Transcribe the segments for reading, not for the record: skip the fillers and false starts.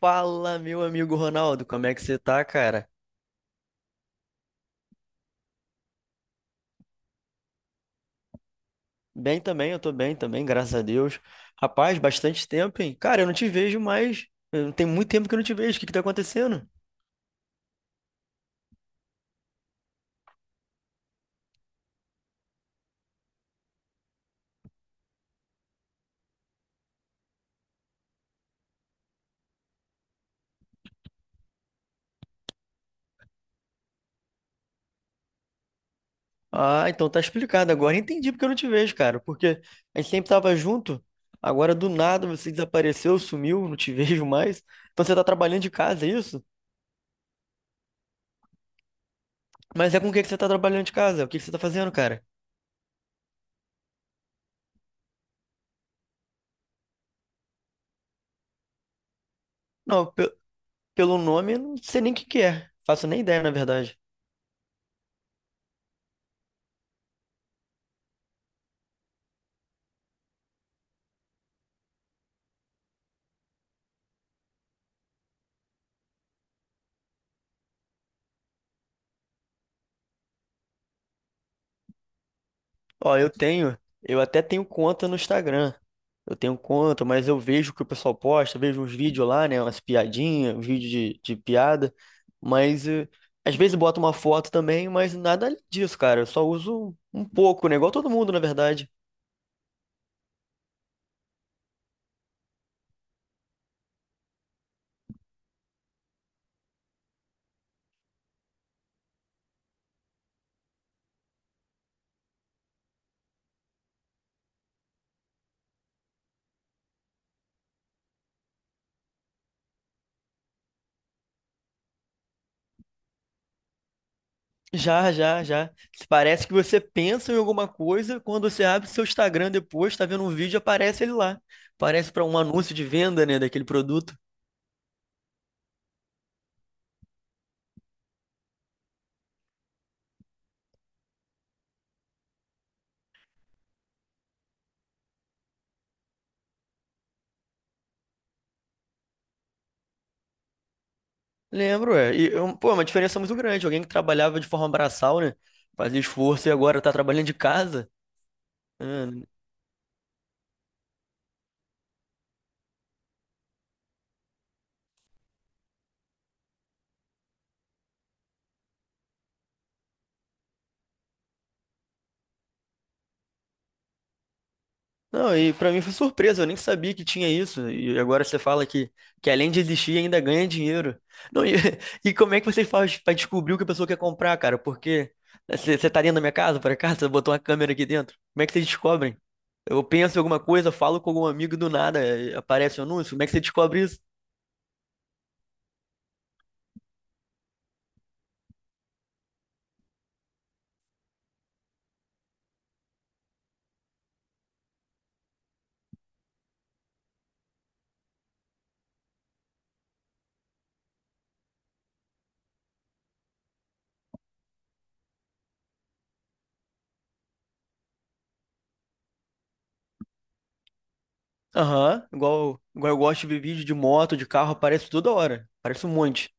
Fala, meu amigo Ronaldo, como é que você tá, cara? Bem também, eu tô bem também, graças a Deus. Rapaz, bastante tempo, hein? Cara, eu não te vejo mais. Tem muito tempo que eu não te vejo. O que que tá acontecendo? Ah, então tá explicado agora. Entendi porque eu não te vejo, cara. Porque a gente sempre tava junto. Agora do nada você desapareceu, sumiu, não te vejo mais. Então você tá trabalhando de casa, é isso? Mas é com o que que você tá trabalhando de casa? O que que você tá fazendo, cara? Não, pelo nome, eu não sei nem o que que é. Faço nem ideia, na verdade. Ó, eu até tenho conta no Instagram. Eu tenho conta, mas eu vejo o que o pessoal posta, vejo uns vídeos lá, né? Umas piadinhas, uns vídeos de piada. Mas às vezes boto uma foto também, mas nada além disso, cara. Eu só uso um pouco, né? Igual todo mundo, na verdade. Já, já, já. Parece que você pensa em alguma coisa, quando você abre seu Instagram depois, tá vendo um vídeo, aparece ele lá. Parece para um anúncio de venda, né, daquele produto. Lembro, é. E, pô, é uma diferença muito grande. Alguém que trabalhava de forma braçal, né? Fazia esforço e agora tá trabalhando de casa. É. Não, e pra mim foi surpresa, eu nem sabia que tinha isso. E agora você fala que além de existir, ainda ganha dinheiro. Não, e, e como é que você faz pra descobrir o que a pessoa quer comprar, cara? Porque né, você tá dentro da minha casa, por acaso? Você botou uma câmera aqui dentro? Como é que vocês descobrem? Eu penso em alguma coisa, falo com algum amigo e do nada, aparece um anúncio. Como é que você descobre isso? Aham, igual eu gosto de ver vídeo de moto, de carro, aparece toda hora. Aparece um monte.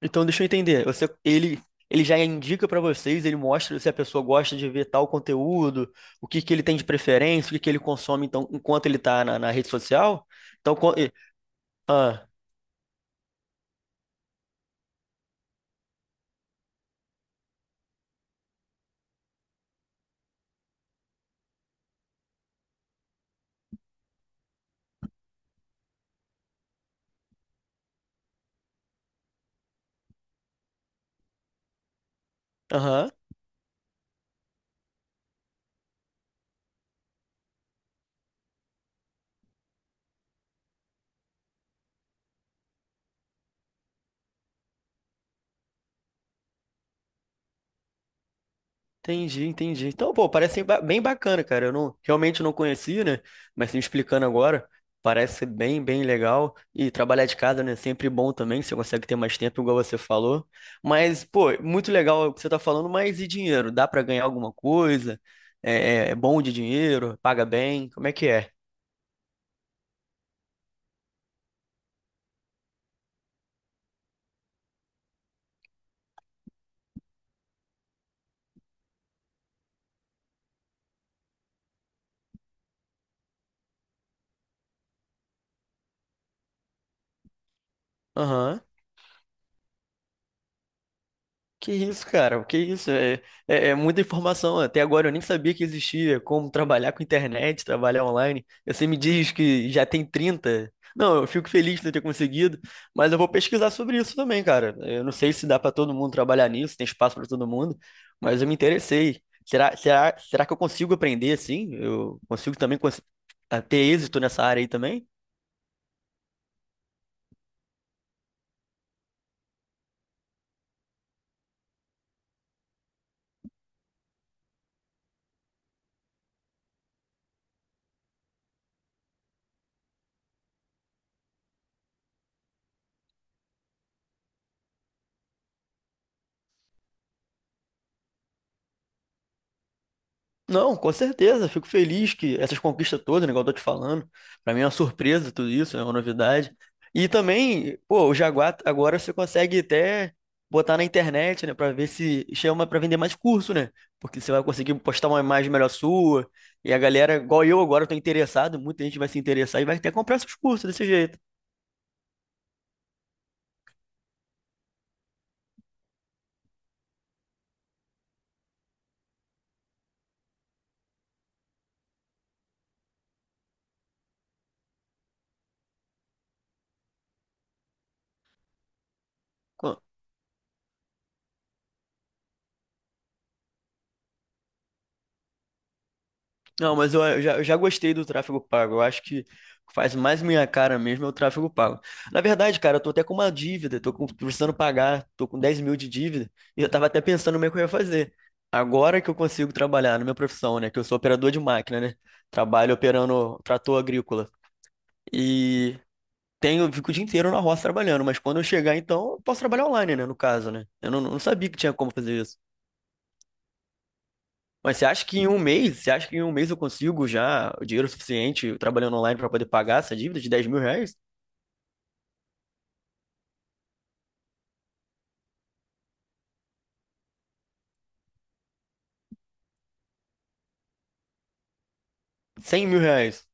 Então deixa eu entender. Ele já indica pra vocês, ele mostra se a pessoa gosta de ver tal conteúdo, o que que ele tem de preferência, o que que ele consome então enquanto ele tá na rede social. Então, ah, aham. Entendi, entendi. Então, pô, parece ser bem bacana, cara. Eu não, realmente não conhecia, né? Mas me explicando agora, parece ser bem, bem legal. E trabalhar de casa, né? Sempre bom também, você consegue ter mais tempo, igual você falou. Mas, pô, muito legal o que você tá falando, mas e dinheiro? Dá pra ganhar alguma coisa? É, é bom de dinheiro? Paga bem? Como é que é? Aham. Que isso, cara? Que isso? É muita informação. Até agora eu nem sabia que existia como trabalhar com internet, trabalhar online. Você me diz que já tem 30. Não, eu fico feliz de ter conseguido, mas eu vou pesquisar sobre isso também, cara. Eu não sei se dá para todo mundo trabalhar nisso, tem espaço para todo mundo, mas eu me interessei. Será que eu consigo aprender assim? Eu consigo também a ter êxito nessa área aí também? Não, com certeza. Fico feliz que essas conquistas todas, né, igual eu tô te falando, pra mim é uma surpresa tudo isso, é uma novidade. E também, pô, o Jaguar agora você consegue até botar na internet, né? Pra ver se chama pra vender mais curso, né? Porque você vai conseguir postar uma imagem melhor sua e a galera, igual eu agora, eu tô interessado, muita gente vai se interessar e vai até comprar seus cursos desse jeito. Não, mas eu já gostei do tráfego pago. Eu acho que o que faz mais minha cara mesmo é o tráfego pago. Na verdade, cara, eu tô até com uma dívida, precisando pagar, tô com 10.000 de dívida, e eu tava até pensando no que eu ia fazer. Agora que eu consigo trabalhar na minha profissão, né? Que eu sou operador de máquina, né? Trabalho operando trator agrícola. E eu fico o dia inteiro na roça trabalhando, mas quando eu chegar, então, eu posso trabalhar online, né? No caso, né? Eu não sabia que tinha como fazer isso. Mas você acha que em um mês eu consigo já o dinheiro suficiente trabalhando online para poder pagar essa dívida de 10.000 reais? 100.000 reais?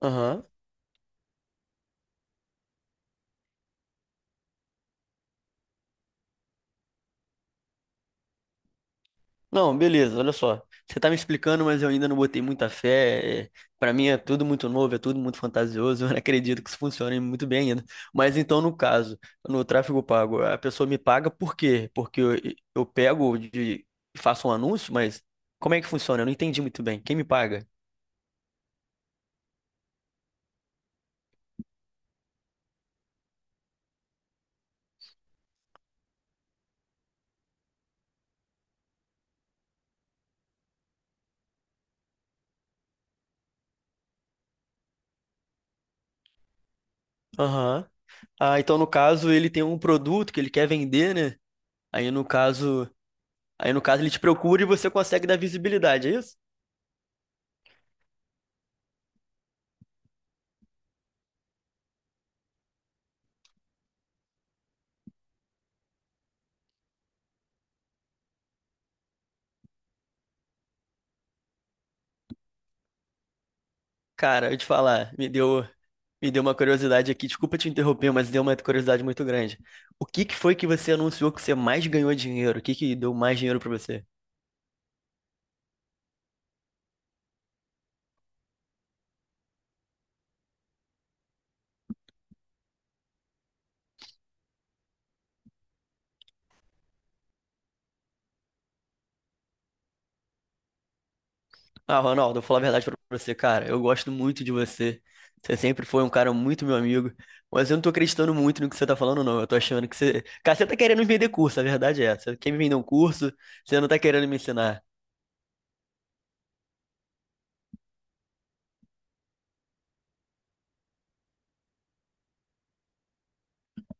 Aham. Não, beleza, olha só. Você tá me explicando, mas eu ainda não botei muita fé. Pra mim é tudo muito novo, é tudo muito fantasioso. Eu não acredito que isso funcione muito bem ainda. Mas então, no caso, no tráfego pago, a pessoa me paga por quê? Porque eu pego faço um anúncio, mas como é que funciona? Eu não entendi muito bem. Quem me paga? Aham. Ah, então no caso ele tem um produto que ele quer vender, né? Aí no caso, aí no caso ele te procura e você consegue dar visibilidade, é isso? Cara, eu te falar, me deu uma curiosidade aqui. Desculpa te interromper, mas deu uma curiosidade muito grande. O que que foi que você anunciou que você mais ganhou dinheiro? O que que deu mais dinheiro pra você? Ah, Ronaldo, eu vou falar a verdade pra você, cara. Eu gosto muito de você. Você sempre foi um cara muito meu amigo. Mas eu não tô acreditando muito no que você tá falando, não. Eu tô achando que você. Cara, você tá querendo me vender curso, a verdade é essa. Você quer me vender um curso, você não tá querendo me ensinar.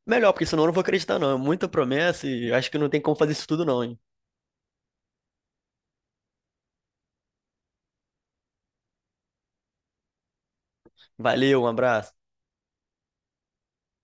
Melhor, porque senão eu não vou acreditar, não. É muita promessa e acho que não tem como fazer isso tudo, não, hein? Valeu, um abraço.